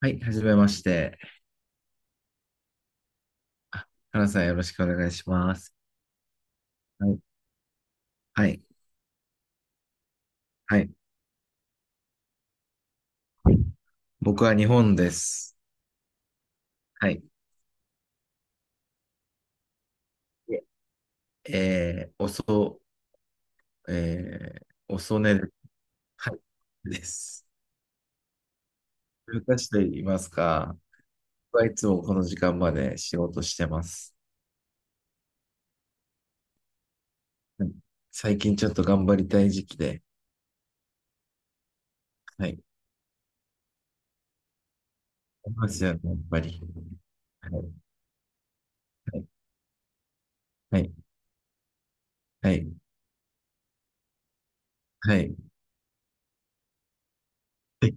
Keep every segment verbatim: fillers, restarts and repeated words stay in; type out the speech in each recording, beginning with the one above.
はい、はじめまして。あ、原さんよろしくお願いします。はい、はい、はい。僕は日本です。はい。ええー、遅、えー、遅寝る、はい、です。昔と言いますか、僕はいつもこの時間まで仕事してます。はい、最近ちょっと頑張りたい時期で、はい。いますよね、やっぱり。はい、はい、はい、はい。はいはい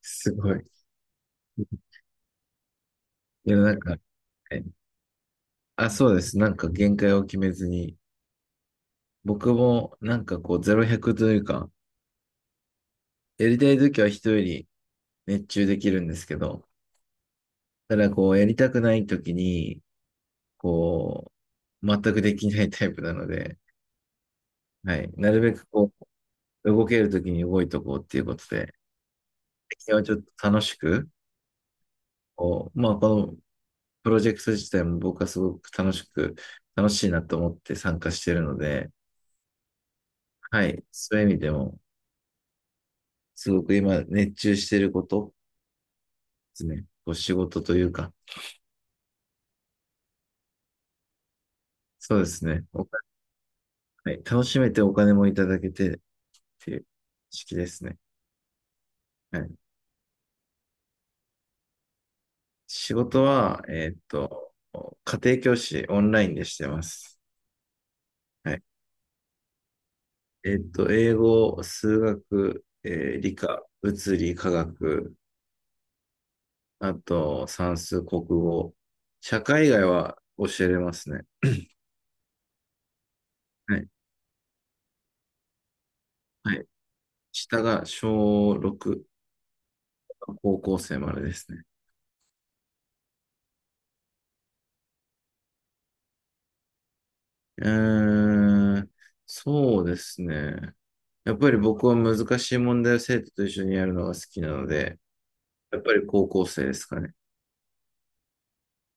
すごい。世の中、はい、あ、そうです。なんか限界を決めずに、僕もなんかこうゼロひゃくというか、やりたい時は人より熱中できるんですけど、ただこうやりたくない時に、こう、全くできないタイプなので、はい。なるべくこう、動ける時に動いとこうっていうことで、最近はちょっと楽しく、こう、まあこのプロジェクト自体も僕はすごく楽しく、楽しいなと思って参加してるので、はい。そういう意味でも、すごく今熱中してること、ですね。お仕事というか、そうですね。お金、はい、楽しめてお金もいただけてっていう式ですね。はい、仕事は、えーっと、家庭教師オンラインでしてます。はい、えーっと、英語、数学、えー理科、物理、化学、あと算数、国語、社会以外は教えれますね。はい。はい。下が小しょうろく、高校生までですね。えー、そうですね。やっぱり僕は難しい問題を生徒と一緒にやるのが好きなので、やっぱり高校生ですかね。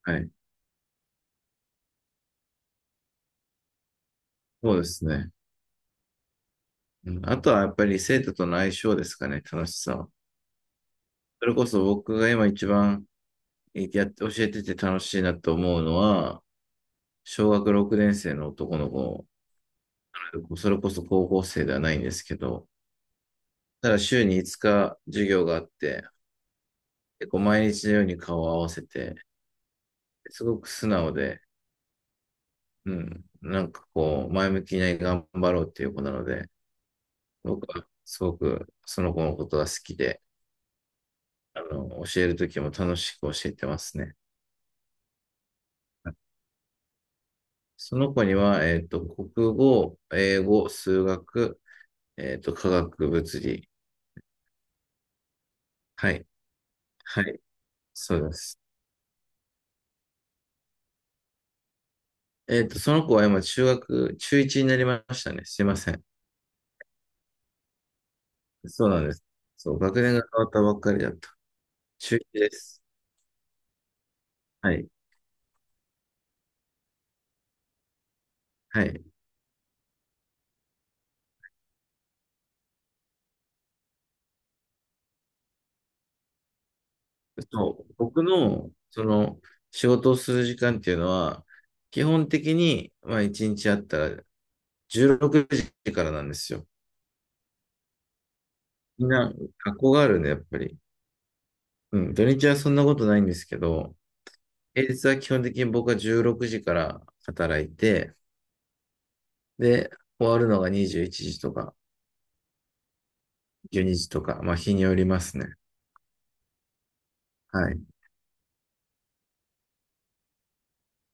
はい。そうですね。うん、あとはやっぱり生徒との相性ですかね、楽しさは。それこそ僕が今一番えやって教えてて楽しいなと思うのは、小学ろくねん生の男の子、それこそ高校生ではないんですけど、ただ週にいつか授業があって、結構毎日のように顔を合わせて、すごく素直で、うん。なんかこう、前向きに頑張ろうっていう子なので、僕はすごくその子のことが好きで、あの、教えるときも楽しく教えてますね。その子には、えっと、国語、英語、数学、えっと、科学、物理。はい。はい。そうです。えっと、その子は今、中学、中ちゅういちになりましたね。すいません。そうなんです。そう、学年が変わったばっかりだった。中ちゅういちです。はい。はい。そう、僕の、その、仕事をする時間っていうのは、基本的に、まあ、いちにちあったらじゅうろくじからなんですよ。みんな、学校があるんで、やっぱり。うん、土日はそんなことないんですけど、平日は基本的に僕はじゅうろくじから働いて、で、終わるのがにじゅういちじとか、じゅうにじとか、まあ、日によりますね。はい。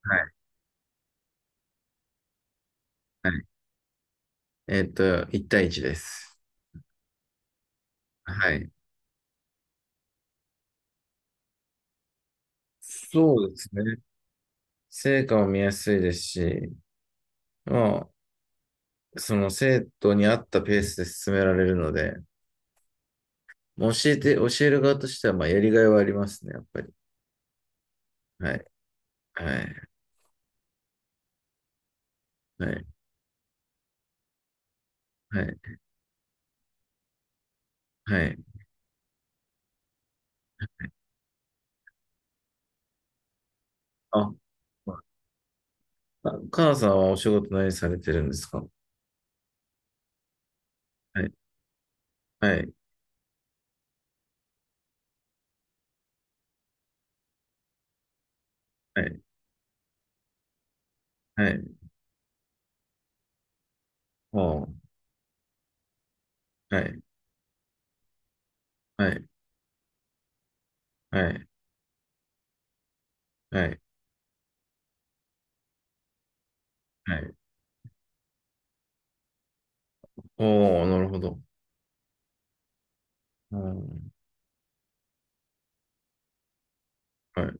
はい。はい。えっと、いち対いちです。はい。そうですね。成果も見やすいですし、まあ、その生徒に合ったペースで進められるので、教えて、教える側としては、まあ、やりがいはありますね、やっぱり。はい。はい。はい。はい。はい。あ、カナさんはお仕事何されてるんですか？はい。はい。はい。はい。おーはい。はい。はい。はい。はい。おー、なるほど。うん。はい。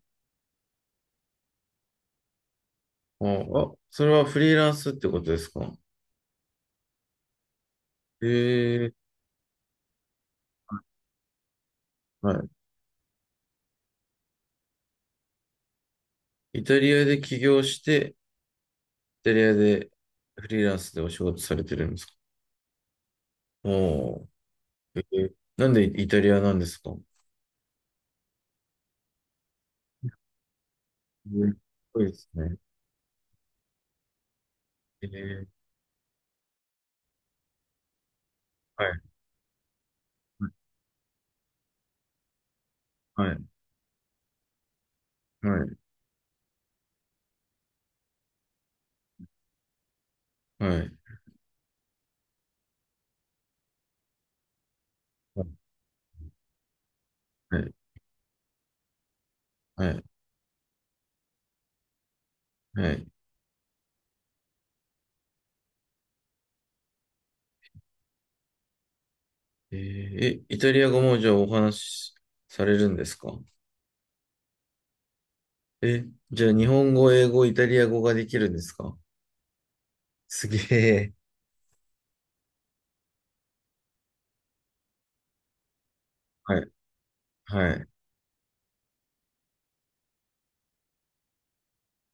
おー、あ、それはフリーランスってことですか？ええー。はい。イタリアで起業して、イタリアでフリーランスでお仕事されてるんですか？おー、えーなんでイタリアなんですか？えーすごいですね。えー、はい、はい、はい、はい、はい、はい、はいはいえーえイタリア語もじゃあお話しされるんですか？え、じゃあ日本語、英語、イタリア語ができるんですか？すげえ。はい、はい、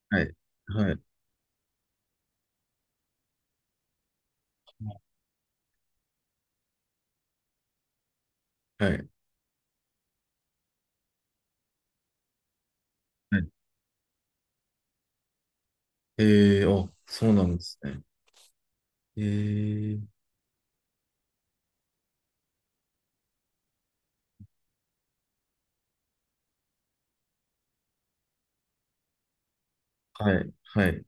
はい、はい、はい、はい。えー、あ、そうなんですね。えー、はい、はい、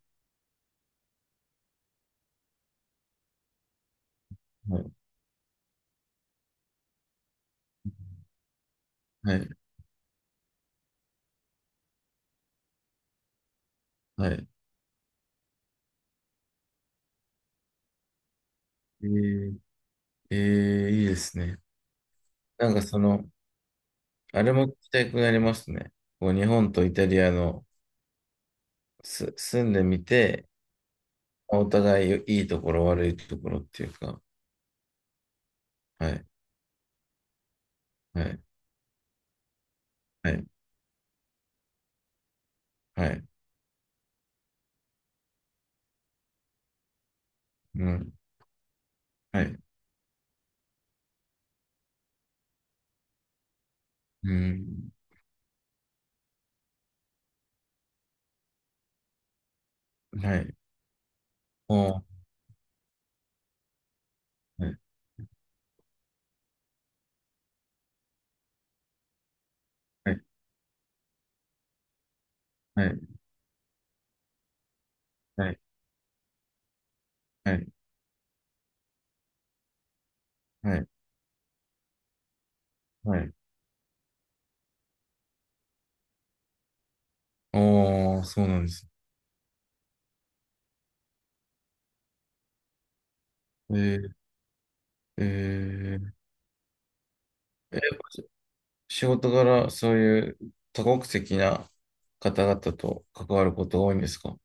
はい、はい。はい。えー、えーいいですね。なんかその、あれも聞きたくなりますね。こう日本とイタリアのす住んでみて、お互いいいところ、悪いところっていうか、はい、はい、はい、はい、うん、はい、うん、はい、おー、はい、はい、はい、はい、はい、はい、はいおー、そうなんです。えー、えー、えー仕事柄、そういう多国籍な方々と関わることが多いんですか？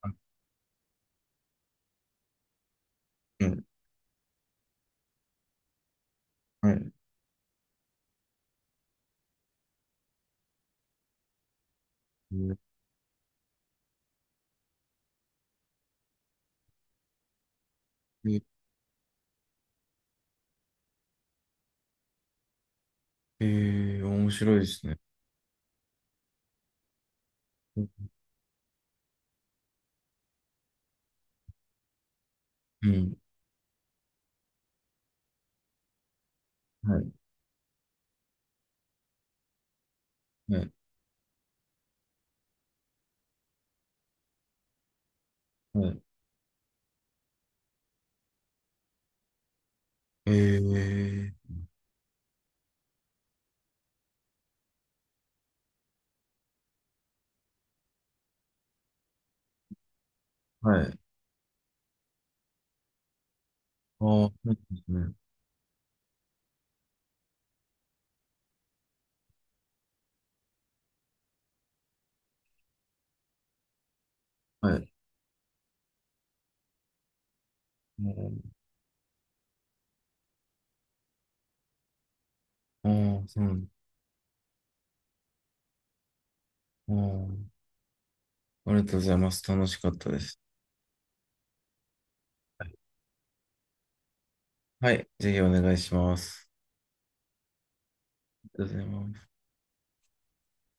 あ、うん。はい。うん、ええー、面白いですね。うん。はい。はい。はい。ええー、はい。ああ、そうですね。はい。ああ、そうなんあー、ありがとうございます。楽しかったです。はい。はいぜひお願いします。ありがとうございます。